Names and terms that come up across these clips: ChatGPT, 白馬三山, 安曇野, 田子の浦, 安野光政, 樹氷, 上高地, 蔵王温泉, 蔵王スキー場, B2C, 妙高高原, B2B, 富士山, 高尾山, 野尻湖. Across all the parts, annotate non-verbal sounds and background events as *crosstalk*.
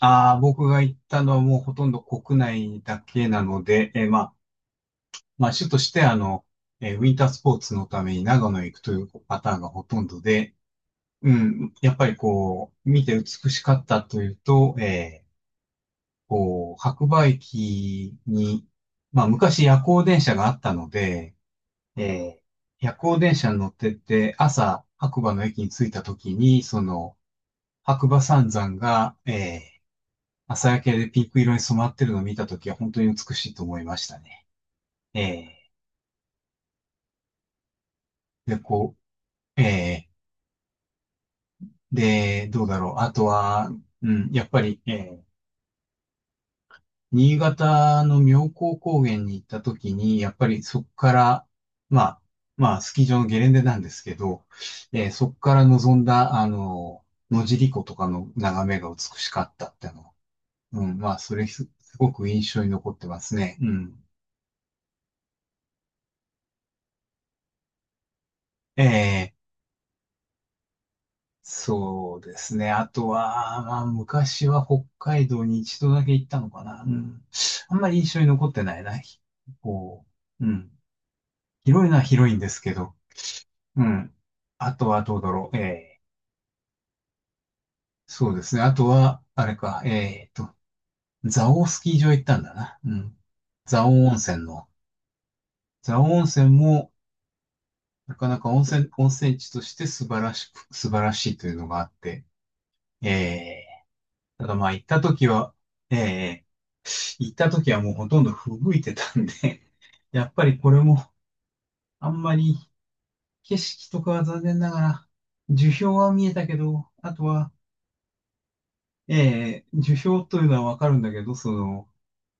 ああ、僕が行ったのはもうほとんど国内だけなので、まあ、主としてウィンタースポーツのために長野へ行くというパターンがほとんどで、うん、やっぱりこう、見て美しかったというと、こう、白馬駅に、まあ、昔夜行電車があったので、えー夜行電車に乗ってって、朝、白馬の駅に着いた時に、その、白馬三山が、ー朝焼けでピンク色に染まってるのを見たときは本当に美しいと思いましたね。ええで、こう、ええで、どうだろう。あとは、うん、やっぱり、ええ新潟の妙高高原に行ったときに、やっぱりそこから、まあ、まあ、スキー場のゲレンデなんですけど、ええそこから望んだ、野尻湖とかの眺めが美しかったっての。うん、まあ、それす、すごく印象に残ってますね。うん。ええそうですね。あとは、まあ、昔は北海道に一度だけ行ったのかな。うん。あんまり印象に残ってないな。ひこう、うん。広いのは広いんですけど、うん。あとはどうだろう。ええ、そうですね。あとは、あれか、蔵王スキー場行ったんだな。うん。蔵王温泉の。蔵王温泉も、なかなか温泉地として素晴らしいというのがあって、ええ。ただまあ行った時は、ええもうほとんど吹雪いてたんで、*laughs* やっぱりこれもあんまり景色とかは残念ながら、樹氷は見えたけど、あとは、ええ樹氷というのはわかるんだけど、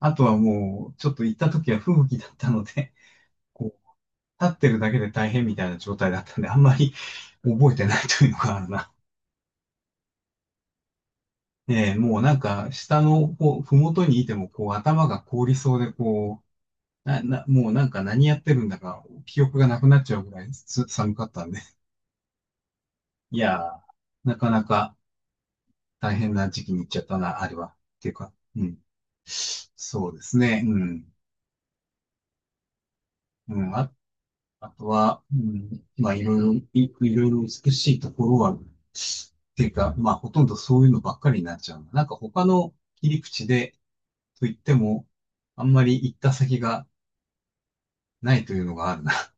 あとはもうちょっと行った時は吹雪だったので、*laughs* こう、立ってるだけで大変みたいな状態だったんで、あんまり覚えてないというのがあるな。ええもうなんか下のこう、ふもとにいてもこう頭が凍りそうでこな、な、もうなんか何やってるんだか、記憶がなくなっちゃうぐらい寒かったんで。いやー、*laughs* なかなか大変な時期に行っちゃったな、あれは。っていうか、うん。そうですね、うん。うん、あとは、うん、まあいろいろ美しいところは、っていうか、まあほとんどそういうのばっかりになっちゃうな。なんか他の切り口で、と言っても、あんまり行った先がないというのがあるな。*laughs*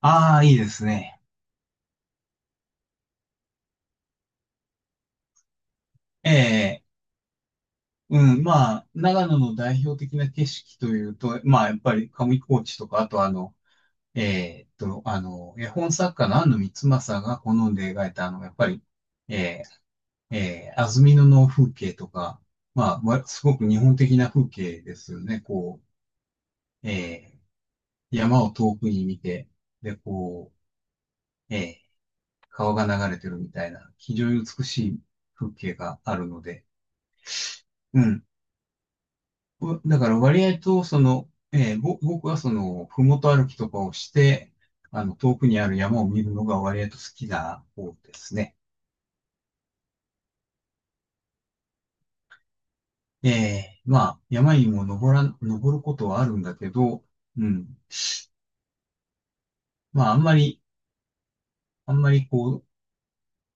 ああ、いいですね。ええうん、まあ、長野の代表的な景色というと、まあ、やっぱり上高地とか、あと絵本作家の安野光政が好んで描いた、やっぱり、え安曇野の風景とか、まあ、すごく日本的な風景ですよね。こう、山を遠くに見て、で、こう、川が流れてるみたいな、非常に美しい風景があるので、うん。だから割合と、その、えーぼ、僕はその、ふもと歩きとかをして、あの、遠くにある山を見るのが割合と好きな方ですね。まあ、山にも登らん、登ることはあるんだけど、うん。まあ、あんまりこう、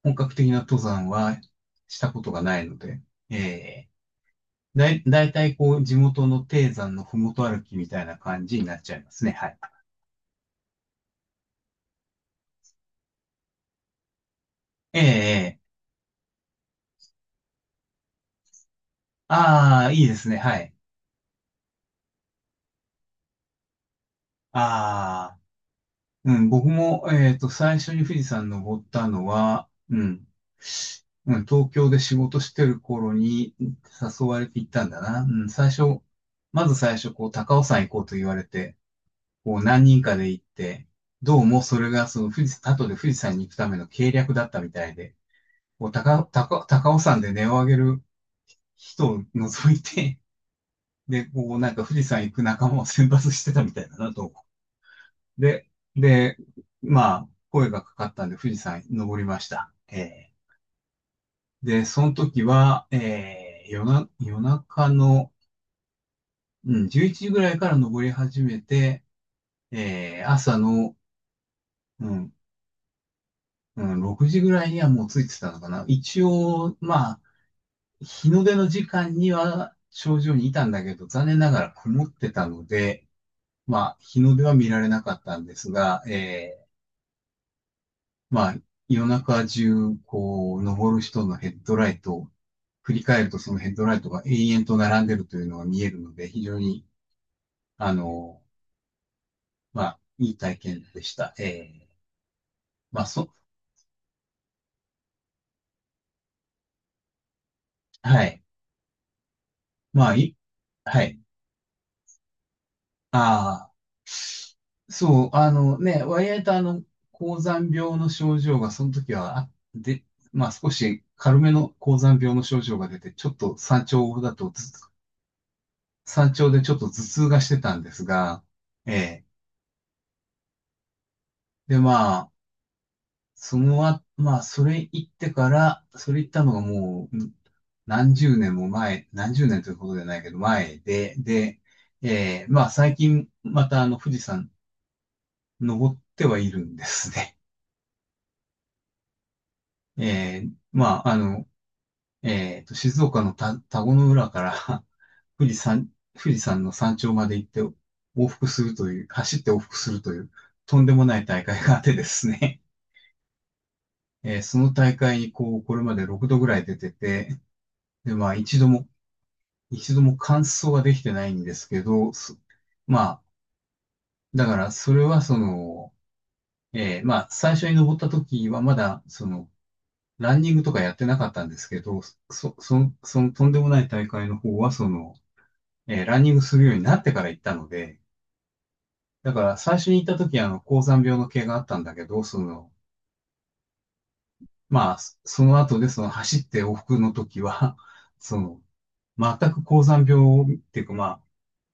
本格的な登山はしたことがないので、えだいたいこう、地元の低山のふもと歩きみたいな感じになっちゃいますね。はい。ええああー、いいですね。はい。ああ。うん、僕も、最初に富士山登ったのは、うん、うん、東京で仕事してる頃に誘われて行ったんだな。うん、まず最初、こう、高尾山行こうと言われて、こう、何人かで行って、どうもそれが、その富士、後で富士山に行くための計略だったみたいで、こう、高尾山で音を上げる人を除いて、で、こう、なんか富士山行く仲間を選抜してたみたいだなとで、で、まあ、声がかかったんで富士山登りました。で、その時は、夜中の、うん、11時ぐらいから登り始めて、朝の、うん、うん、6時ぐらいにはもう着いてたのかな。一応、まあ、日の出の時間には頂上にいたんだけど、残念ながら曇ってたので、まあ、日の出は見られなかったんですが、ーまあ、夜中中、こう、登る人のヘッドライトを振り返るとそのヘッドライトが永遠と並んでるというのが見えるので、非常に、あの、まあ、いい体験でした。ええまあ、そ、はい。まあ、い、はい。ああ、そう、あのね、割合とあの、高山病の症状がその時は、あ、で、まあ少し軽めの高山病の症状が出て、ちょっと山頂だとず山頂でちょっと頭痛がしてたんですが、ええで、まあ、それ行ったのがもう、何十年も前、何十年ということじゃないけど、前で、で、まあ、最近、また、あの、富士山、登ってはいるんですね。*laughs* まあ、あの、静岡の田子の浦から *laughs* 富士山の山頂まで行って、往復するという、走って往復するという、とんでもない大会があってですね。その大会に、こう、これまで6度ぐらい出てて、で、まあ、一度も、一度も完走ができてないんですけど、まあ、だからそれはその、まあ、最初に登った時はまだ、その、ランニングとかやってなかったんですけど、そのとんでもない大会の方は、その、ランニングするようになってから行ったので、だから最初に行った時は、あの、高山病の系があったんだけど、その、まあ、その後でその走って往復の時は、その、全く高山病っていうか、まあ、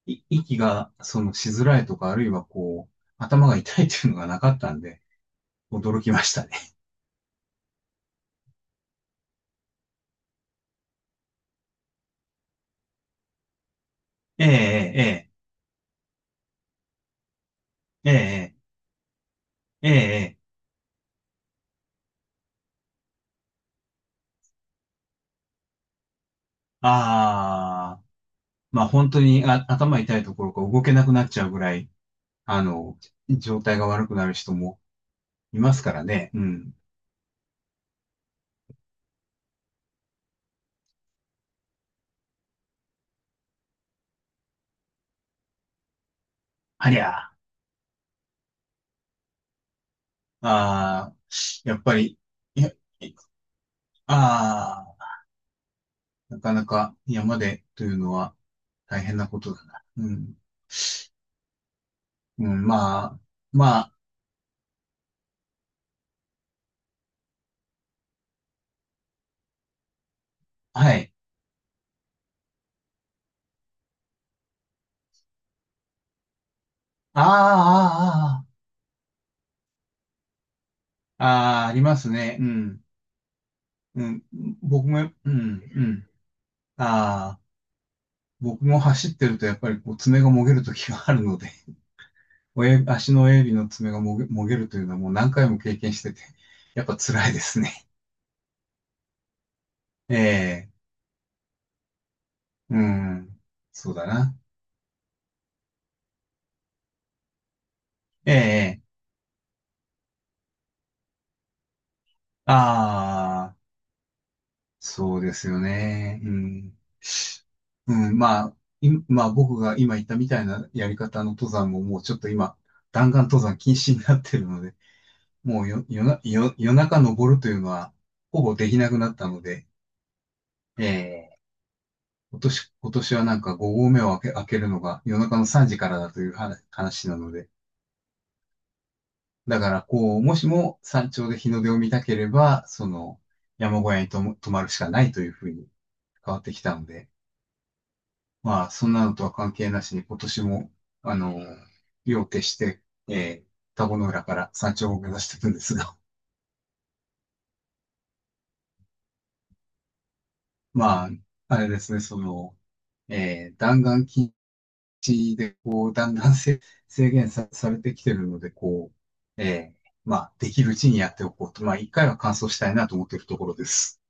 息が、その、しづらいとか、あるいはこう、頭が痛いっていうのがなかったんで、驚きましたね。*laughs* ええ、ええ、ええ、ええ、ええ、ああ、まあ本当に頭痛いところか動けなくなっちゃうぐらい、あの、状態が悪くなる人もいますからね。うん。ありゃあ、ああ、やっぱり、いや、ああ、なかなか山でというのは大変なことだな。うん。うん、まあ、まあ、はい。ああ、ああ、ああ、ああありますね。うん。うん。僕も、うん、うん。ああ、僕も走ってるとやっぱりこう爪がもげる時があるので、*laughs* 親足の親指の爪がもげるというのはもう何回も経験してて、*laughs* やっぱ辛いですね。*laughs* ええ、うん。そうだな。ええ、ああ、そうですよね。うん。うん、まあ、まあ僕が今言ったみたいなやり方の登山ももうちょっと今、弾丸登山禁止になってるので、もうよ夜な、夜、夜中登るというのは、ほぼできなくなったので、ええ、今年はなんか5合目を開けるのが夜中の3時からだという話なので、だからこう、もしも山頂で日の出を見たければ、その山小屋にとも泊まるしかないというふうに変わってきたので、まあ、そんなのとは関係なしに今年も、あの、夜を徹して、えー、田子の浦から山頂を目指していくんですが、*laughs* まあ、あれですね、その、弾丸筋ちで、こう、だんだん制限さ、されてきてるので、こう、ええまあ、できるうちにやっておこうと。まあ、一回は完走したいなと思っているところです。